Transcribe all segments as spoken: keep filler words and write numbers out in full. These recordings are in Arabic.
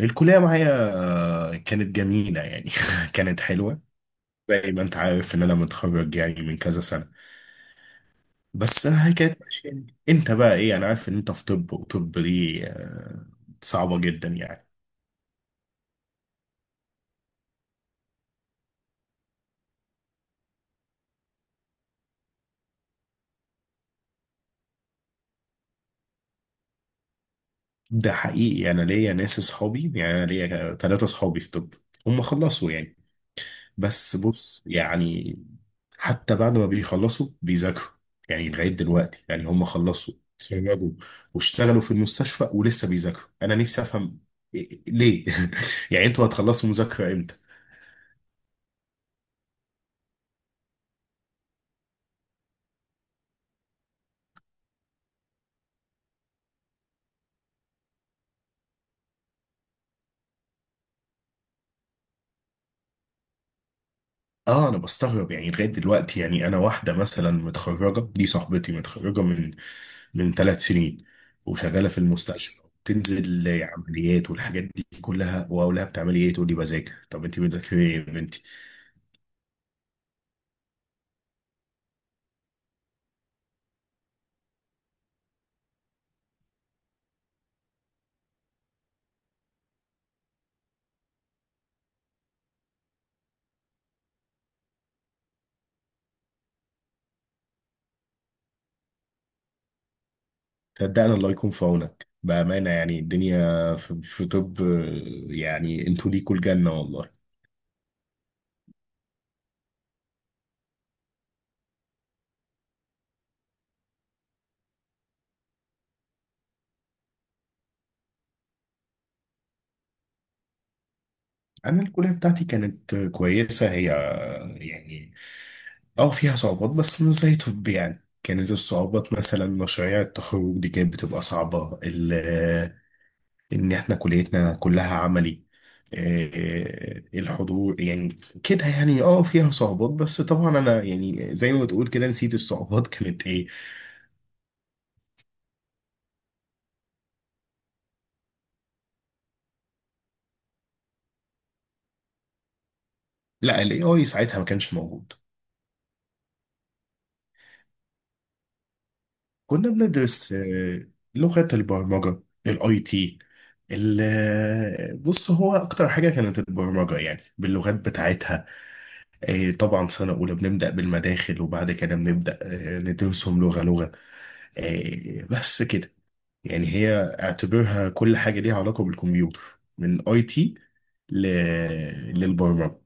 الكلية معايا. آه، كانت جميلة يعني كانت حلوة. زي ما انت عارف ان انا متخرج يعني من كذا سنة، بس هي كانت ماشية يعني. انت بقى ايه؟ انا عارف ان انت في طب، وطب دي آه، صعبة جدا يعني. ده حقيقي، انا ليا ناس اصحابي، يعني انا ليا ثلاثة اصحابي في طب، هم خلصوا يعني. بس بص يعني، حتى بعد ما بيخلصوا بيذاكروا، يعني لغاية دلوقتي يعني هم خلصوا، اتخرجوا، واشتغلوا في المستشفى ولسه بيذاكروا. انا نفسي افهم إيه- ليه. يعني انتوا هتخلصوا مذاكرة امتى؟ اه، انا بستغرب يعني، لغاية دلوقتي يعني انا واحدة مثلا متخرجة، دي صاحبتي متخرجة من من ثلاث سنين، وشغالة في المستشفى، تنزل عمليات والحاجات دي كلها، واقول لها بتعملي ايه؟ تقول لي بذاكر. طب انت بتذاكري ايه يا بنتي؟ صدقني، الله يكون في عونك بأمانة، يعني الدنيا في, في طب، يعني انتوا ليكوا الجنة والله. أنا الكلية بتاعتي كانت كويسة هي، يعني اه فيها صعوبات، بس مش زي طب يعني. كانت الصعوبات مثلا مشاريع التخرج دي كانت بتبقى صعبة ال- إن احنا كليتنا كلها عملي، آه، الحضور يعني كده يعني، اه فيها صعوبات، بس طبعا انا يعني زي ما بتقول كده نسيت الصعوبات كانت ايه. لا، الاي اي ساعتها ما كانش موجود. كنا بندرس آه، لغة البرمجة، الاي تي. بص، هو اكتر حاجة كانت البرمجة يعني باللغات بتاعتها. آه، طبعا سنة اولى بنبدأ بالمداخل، وبعد كده بنبدأ آه، ندرسهم لغة لغة. آه، بس كده يعني، هي اعتبرها كل حاجة ليها علاقة بالكمبيوتر، من اي تي للبرمجة.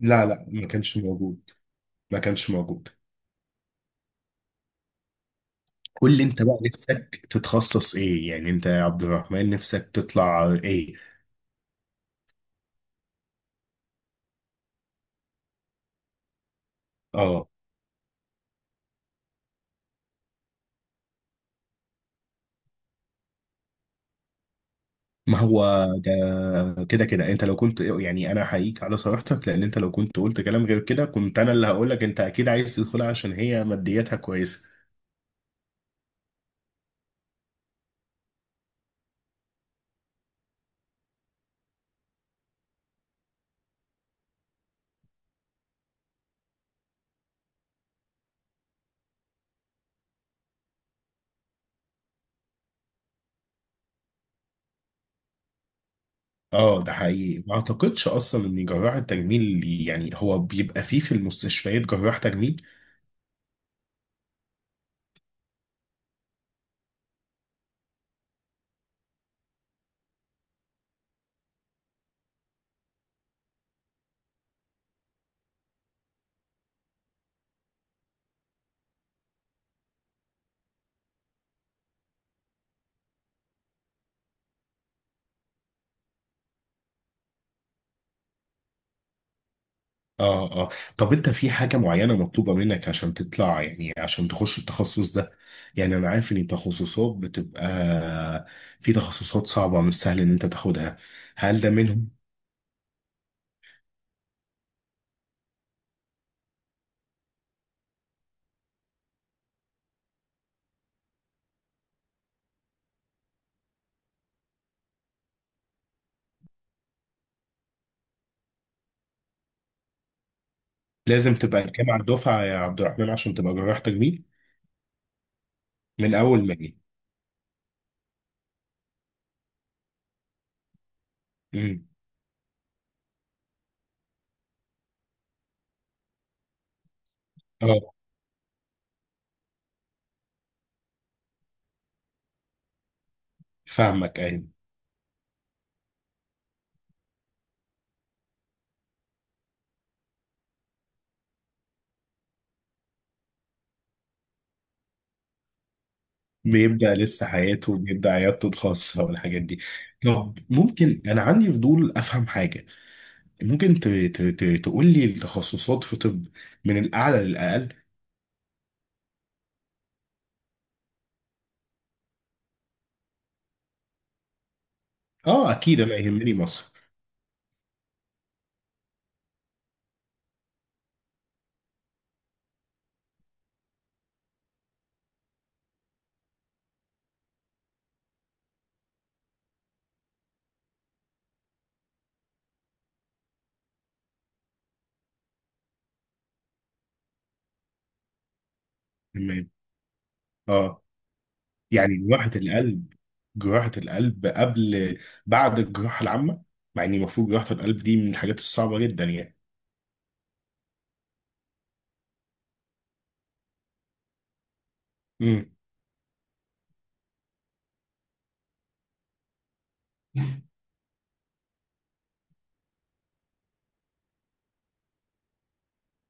لا لا، ما كانش موجود. ما كانش موجود. قول لي انت بقى، نفسك تتخصص ايه يعني؟ انت يا عبد الرحمن نفسك تطلع ايه؟ اه، ما هو ده كده كده، انت لو كنت، يعني انا احييك على صراحتك لان انت لو كنت قلت كلام غير كده كنت انا اللي هقولك انت اكيد عايز تدخلها عشان هي مادياتها كويسه. اه، ده حقيقي. ما اعتقدش اصلا ان جراح التجميل، يعني هو بيبقى فيه في المستشفيات جراح تجميل؟ اه اه. طب انت في حاجة معينة مطلوبة منك عشان تطلع، يعني عشان تخش التخصص ده؟ يعني انا عارف ان التخصصات بتبقى، في تخصصات صعبة، مش سهل ان انت تاخدها، هل ده منهم؟ لازم تبقى الجامعة الدفعة يا عبد الرحمن عشان تبقى جراح تجميل؟ من اول ما جه. امم. اه، فاهمك، ايوه. بيبدأ لسه حياته، بيبدأ عيادته الخاصة والحاجات دي. طب ممكن، انا عندي فضول افهم حاجة. ممكن ت- ت- ت- تقول لي التخصصات في طب، من الاعلى للاقل؟ اه اكيد، انا يهمني مصر. تمام. اه. يعني جراحة القلب، جراحة القلب قبل، بعد الجراحة العامة، مع ان المفروض جراحة القلب دي من الحاجات الصعبة جدا يعني. امم.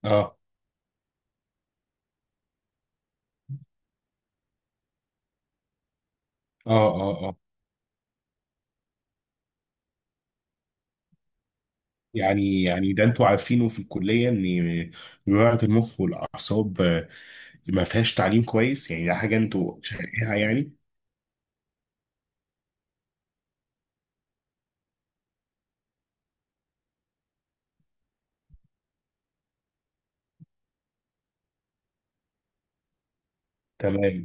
اه اه اه. اه يعني يعني، ده انتوا عارفينه في الكلية ان جراحة المخ والاعصاب آه، ما فيهاش تعليم كويس، يعني ده حاجة انتوا شايفينها يعني؟ تمام.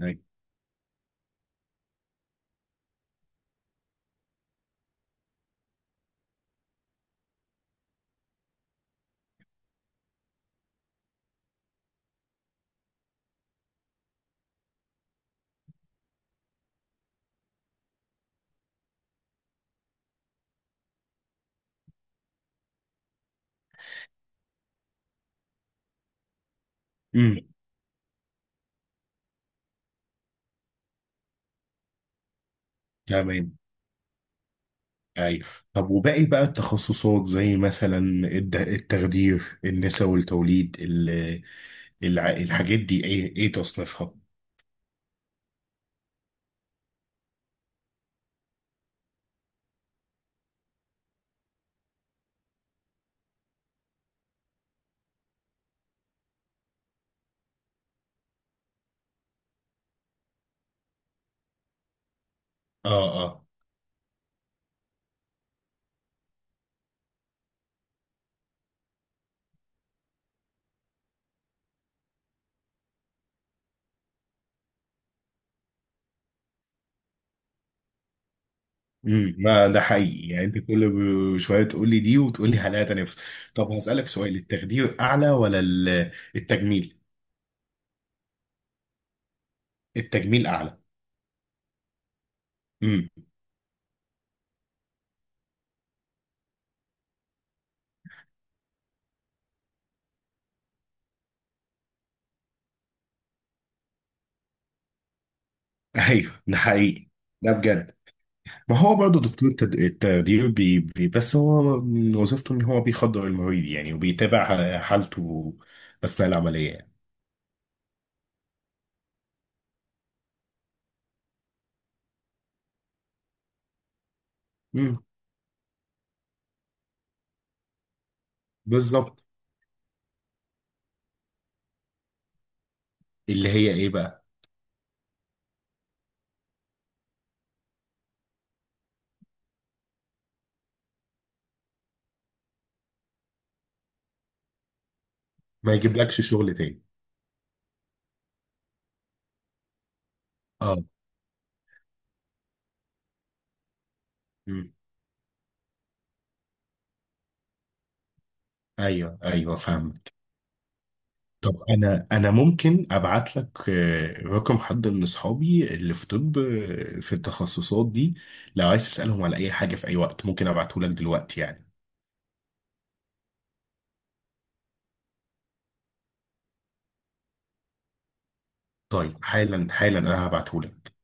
امم. تمام. ايوه. طب وباقي بقى التخصصات، زي مثلا الد- التخدير، النساء والتوليد، ال- الع- الحاجات دي ايه ايه تصنيفها؟ اه اه. امم، ما ده حقيقي يعني، انت كل ب- شويه تقول لي دي، وتقول لي حلقه تانيه في- طب هسألك سؤال، التخدير اعلى ولا ال- التجميل؟ التجميل اعلى؟ امم ايوه ده حقيقي. ده بجد. ما هو برضه دكتور تد- التخدير، بي بي بس هو من وظيفته ان هو بيخدر المريض يعني، وبيتابع ح- حالته اثناء العمليه يعني. امم. بالظبط. اللي هي ايه بقى؟ ما يجيبلكش شغل تاني. اه. امم. ايوه ايوه فهمت. طب انا انا ممكن ابعت لك آه، رقم حد من اصحابي اللي في طب آه، في التخصصات دي، لو عايز تسالهم على اي حاجه، في اي وقت ممكن ابعته لك دلوقتي يعني. طيب، حالا حالا انا هبعته لك